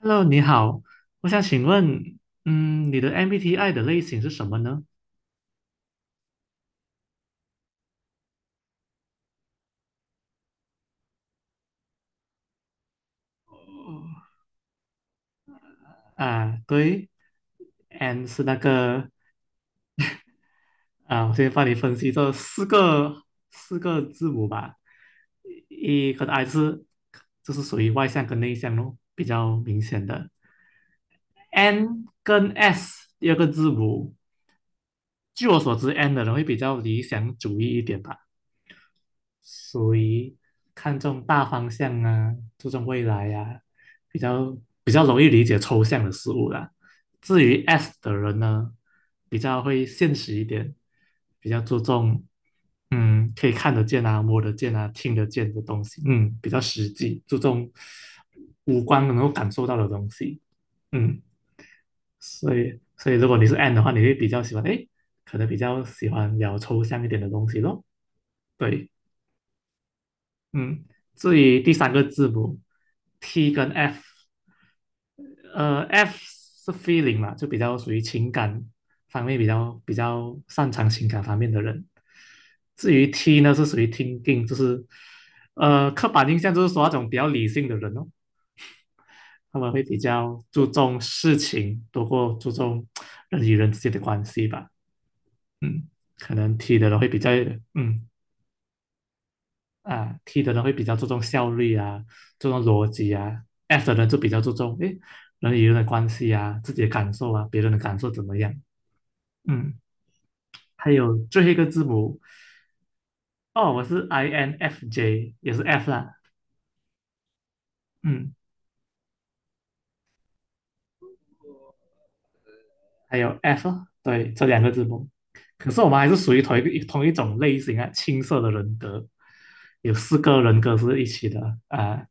Hello，你好，我想请问，你的 MBTI 的类型是什么呢？啊，对，N 是那个，我先帮你分析这四个字母吧。一跟 I 是属于外向跟内向咯，比较明显的。N 跟 S 第二个字母，据我所知，N 的人会比较理想主义一点吧。属于看重大方向啊，注重未来呀、比较比较容易理解抽象的事物啦。至于 S 的人呢，比较会现实一点，比较注重可以看得见啊、摸得见啊、听得见的东西，嗯，比较实际，注重五官能够感受到的东西，嗯，所以如果你是 N 的话，你会比较喜欢，哎，可能比较喜欢聊抽象一点的东西咯，对。嗯，至于第三个字母 T 跟 F，F 是 feeling 嘛，就比较属于情感方面比较擅长情感方面的人。至于 T 呢，是属于 thinking，就是刻板印象就是说那种比较理性的人哦，他们会比较注重事情，多过注重人与人之间的关系吧。嗯，可能 T 的人会比较嗯啊，T 的人会比较注重效率啊，注重逻辑啊，F 的人就比较注重诶人与人的关系啊，自己的感受啊，别人的感受怎么样？嗯，还有最后一个字母哦，我是 INFJ，也是 F 啦，嗯，还有 F，哦对，这两个字母，可是我们还是属于同一种类型啊，青色的人格，有四个人格是一起的啊，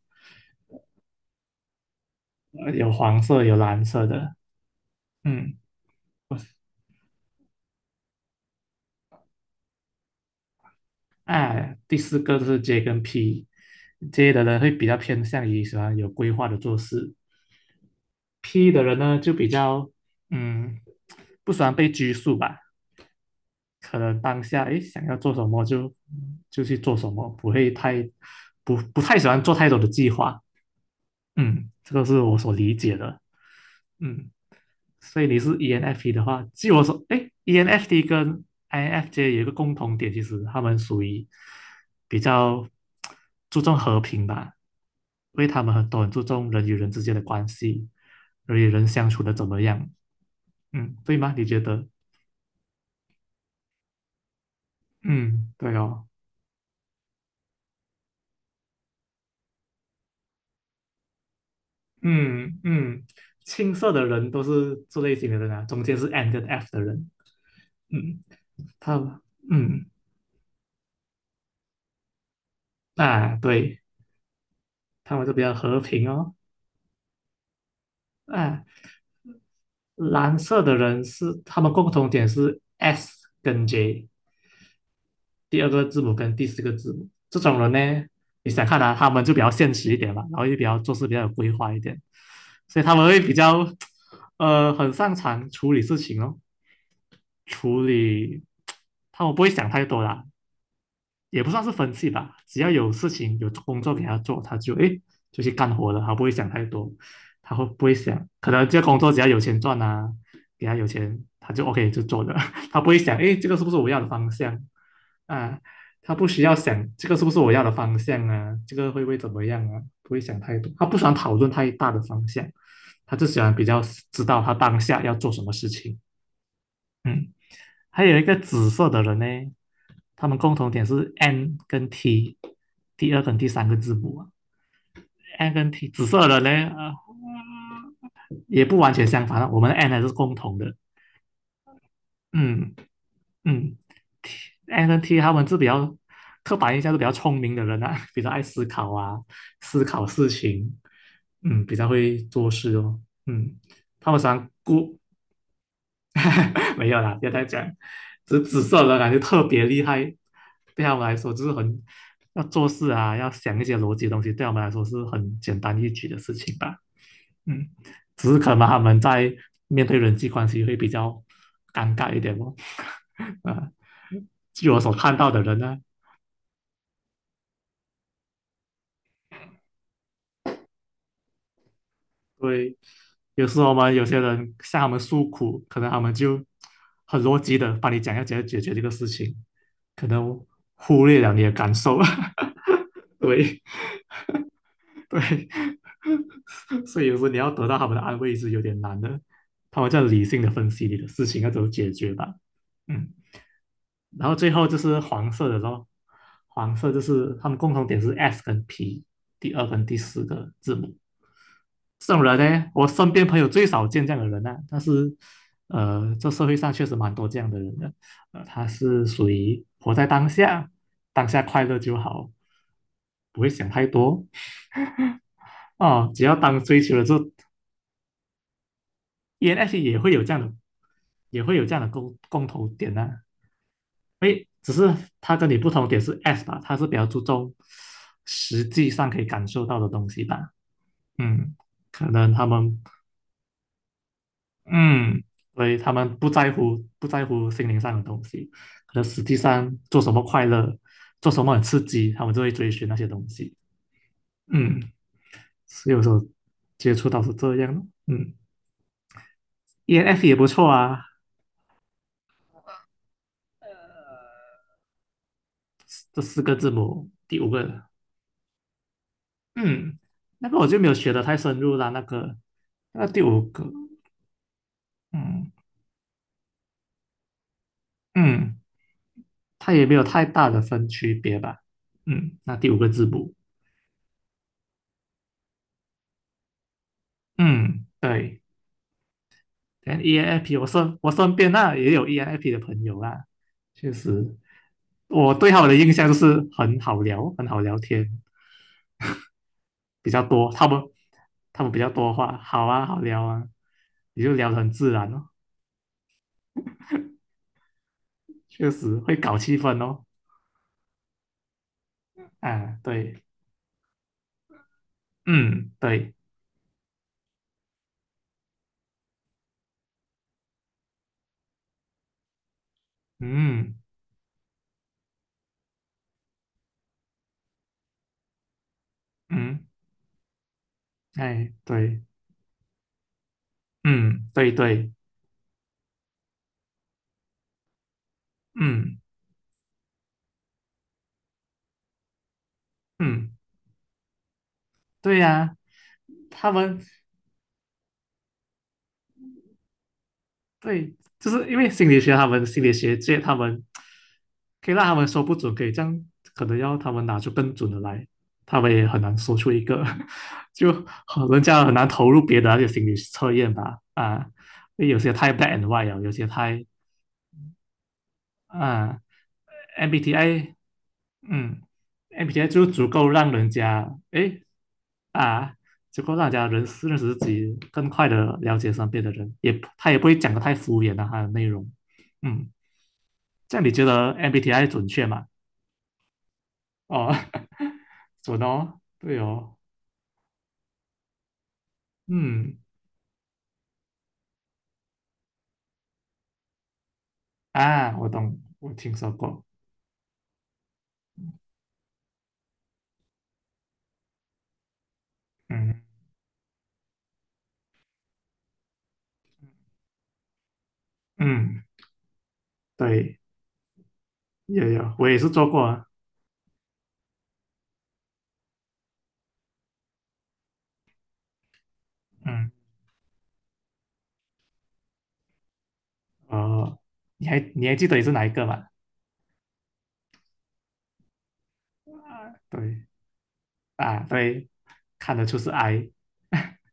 有黄色有蓝色的，嗯，我哎，第四个就是 J 跟 P，J 的人会比较偏向于喜欢有规划的做事，P 的人呢就比较嗯不喜欢被拘束吧，可能当下哎想要做什么就去做什么，不会太不太喜欢做太多的计划，嗯，这个是我所理解的。嗯，所以你是 ENFP 的话，据我所，哎，ENFP 跟 INFJ 有一个共同点，其实他们属于比较注重和平吧，因为他们很多很注重人与人之间的关系，人与人相处的怎么样，嗯，对吗？你觉得？嗯，对哦，嗯嗯，青色的人都是这类型的人啊，中间是 N 跟 F 的人，嗯，他们，嗯，啊，对，他们就比较和平哦，啊。蓝色的人是他们共同点是 S 跟 J，第二个字母跟第四个字母。这种人呢，你想看啊，他们就比较现实一点嘛，然后也比较做事比较有规划一点，所以他们会比较很擅长处理事情哦，处理他们不会想太多啦，也不算是分析吧，只要有事情有工作给他做，他就哎，就去干活了，他不会想太多，他会不会想可能这个工作只要有钱赚啊，给他有钱他就 OK 就做了，他不会想哎，这个是不是我要的方向啊，他不需要想这个是不是我要的方向啊，这个会不会怎么样啊，不会想太多，他不喜欢讨论太大的方向，他就喜欢比较知道他当下要做什么事情，嗯。还有一个紫色的人呢，他们共同点是 N 跟 T，第二跟第三个字母啊，N 跟 T，紫色的人呢，也不完全相反啊我们的 N 还是共同的，嗯嗯，T N 跟 T 他们是比较刻板印象是比较聪明的人啊，比较爱思考啊，思考事情，嗯，比较会做事哦，嗯，他们常顾 没有啦，要再讲，只紫色的感觉特别厉害，对他们来说就是很要做事啊，要想一些逻辑的东西，对他们来说是很简单易举的事情吧。嗯，只是可能他们在面对人际关系会比较尴尬一点哦。啊，据我所看到的人呢，对，有时候我们有些人向他们诉苦，可能他们就很逻辑的帮你讲要怎样解决这个事情，可能忽略了你的感受。对对，所以有时候你要得到他们的安慰是有点难的，他们在理性的分析你的事情要怎么解决吧。嗯，然后最后就是黄色的咯，黄色就是他们共同点是 S 跟 P，第二跟第四个字母。这种人呢，我身边朋友最少见这样的人呢、但是，这社会上确实蛮多这样的人的。他是属于活在当下，当下快乐就好，不会想太多哦。只要当追求了之后 e n f P 也会有这样的，也会有这样的共同点呢、啊诶，只是他跟你不同点是 S 吧，他是比较注重实际上可以感受到的东西吧。嗯，可能他们嗯，所以他们不在乎心灵上的东西，可能实际上做什么快乐，做什么很刺激，他们就会追寻那些东西。嗯，是有时候接触到是这样的。嗯，ENF 也不错啊，这四个字母，第五个，嗯，那个我就没有学的太深入了，那个那第五个，嗯嗯，它也没有太大的分区别吧。嗯，那第五个字母，嗯，对。但 ENFP 我身边那也有 ENFP 的朋友啦，确实我对他们的印象就是很好聊，很好聊天比较多，他们比较多话，好啊，好聊啊，也就聊得很自然哦，确实会搞气氛哦，啊，对，嗯，对，嗯嗯，哎，对，嗯，对对，嗯嗯，对呀、他们对，就是因为心理学，他们心理学界，他们可以让他们说不准，可以这样，可能要他们拿出更准的来，他们也很难说出一个，就很人家很难投入别的那些心理测验吧，啊，因为有些太 b a d and white 了，有些太啊，MBTI，嗯，MBTI 就足够让人家诶啊，足够让人家认识自己，更快的了解身边的人，也他也不会讲的太敷衍的、啊他的内容，嗯。这样你觉得 MBTI 准确吗？哦，准哦，对哦，嗯啊，我懂，我听说过，嗯嗯，对，有有，我也是做过啊，嗯哦，你还记得你是哪一个吗？对啊，对，看得出是 I，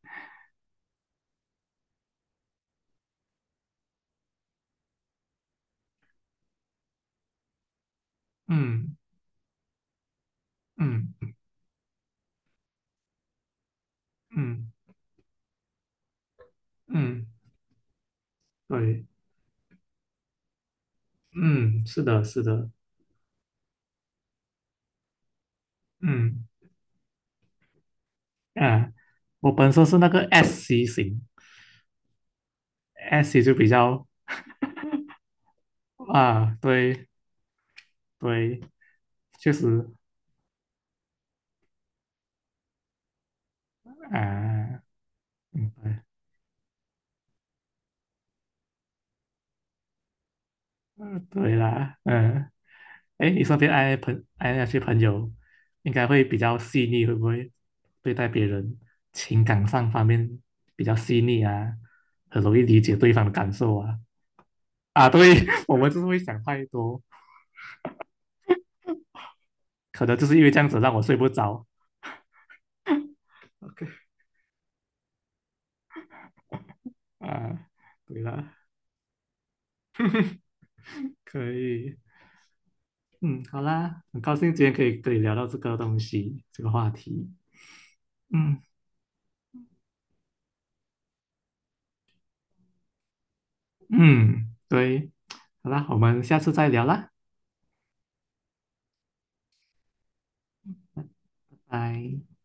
嗯嗯嗯嗯，对，嗯，是的，是的，嗯啊，我本身是那个 SC 型，SC 就比较啊，对对。确实啊，嗯，对，嗯，对啦，嗯，哎，你身边爱朋爱那些朋友，应该会比较细腻，会不会对待别人情感上方面比较细腻啊？很容易理解对方的感受啊？啊，对，我们就是会想太多，可能就是因为这样子让我睡不着。OK，啊，对啦，可以，嗯，好啦，很高兴今天可以跟你聊到这个东西，这个话题，嗯嗯，对。好啦，我们下次再聊啦，拜。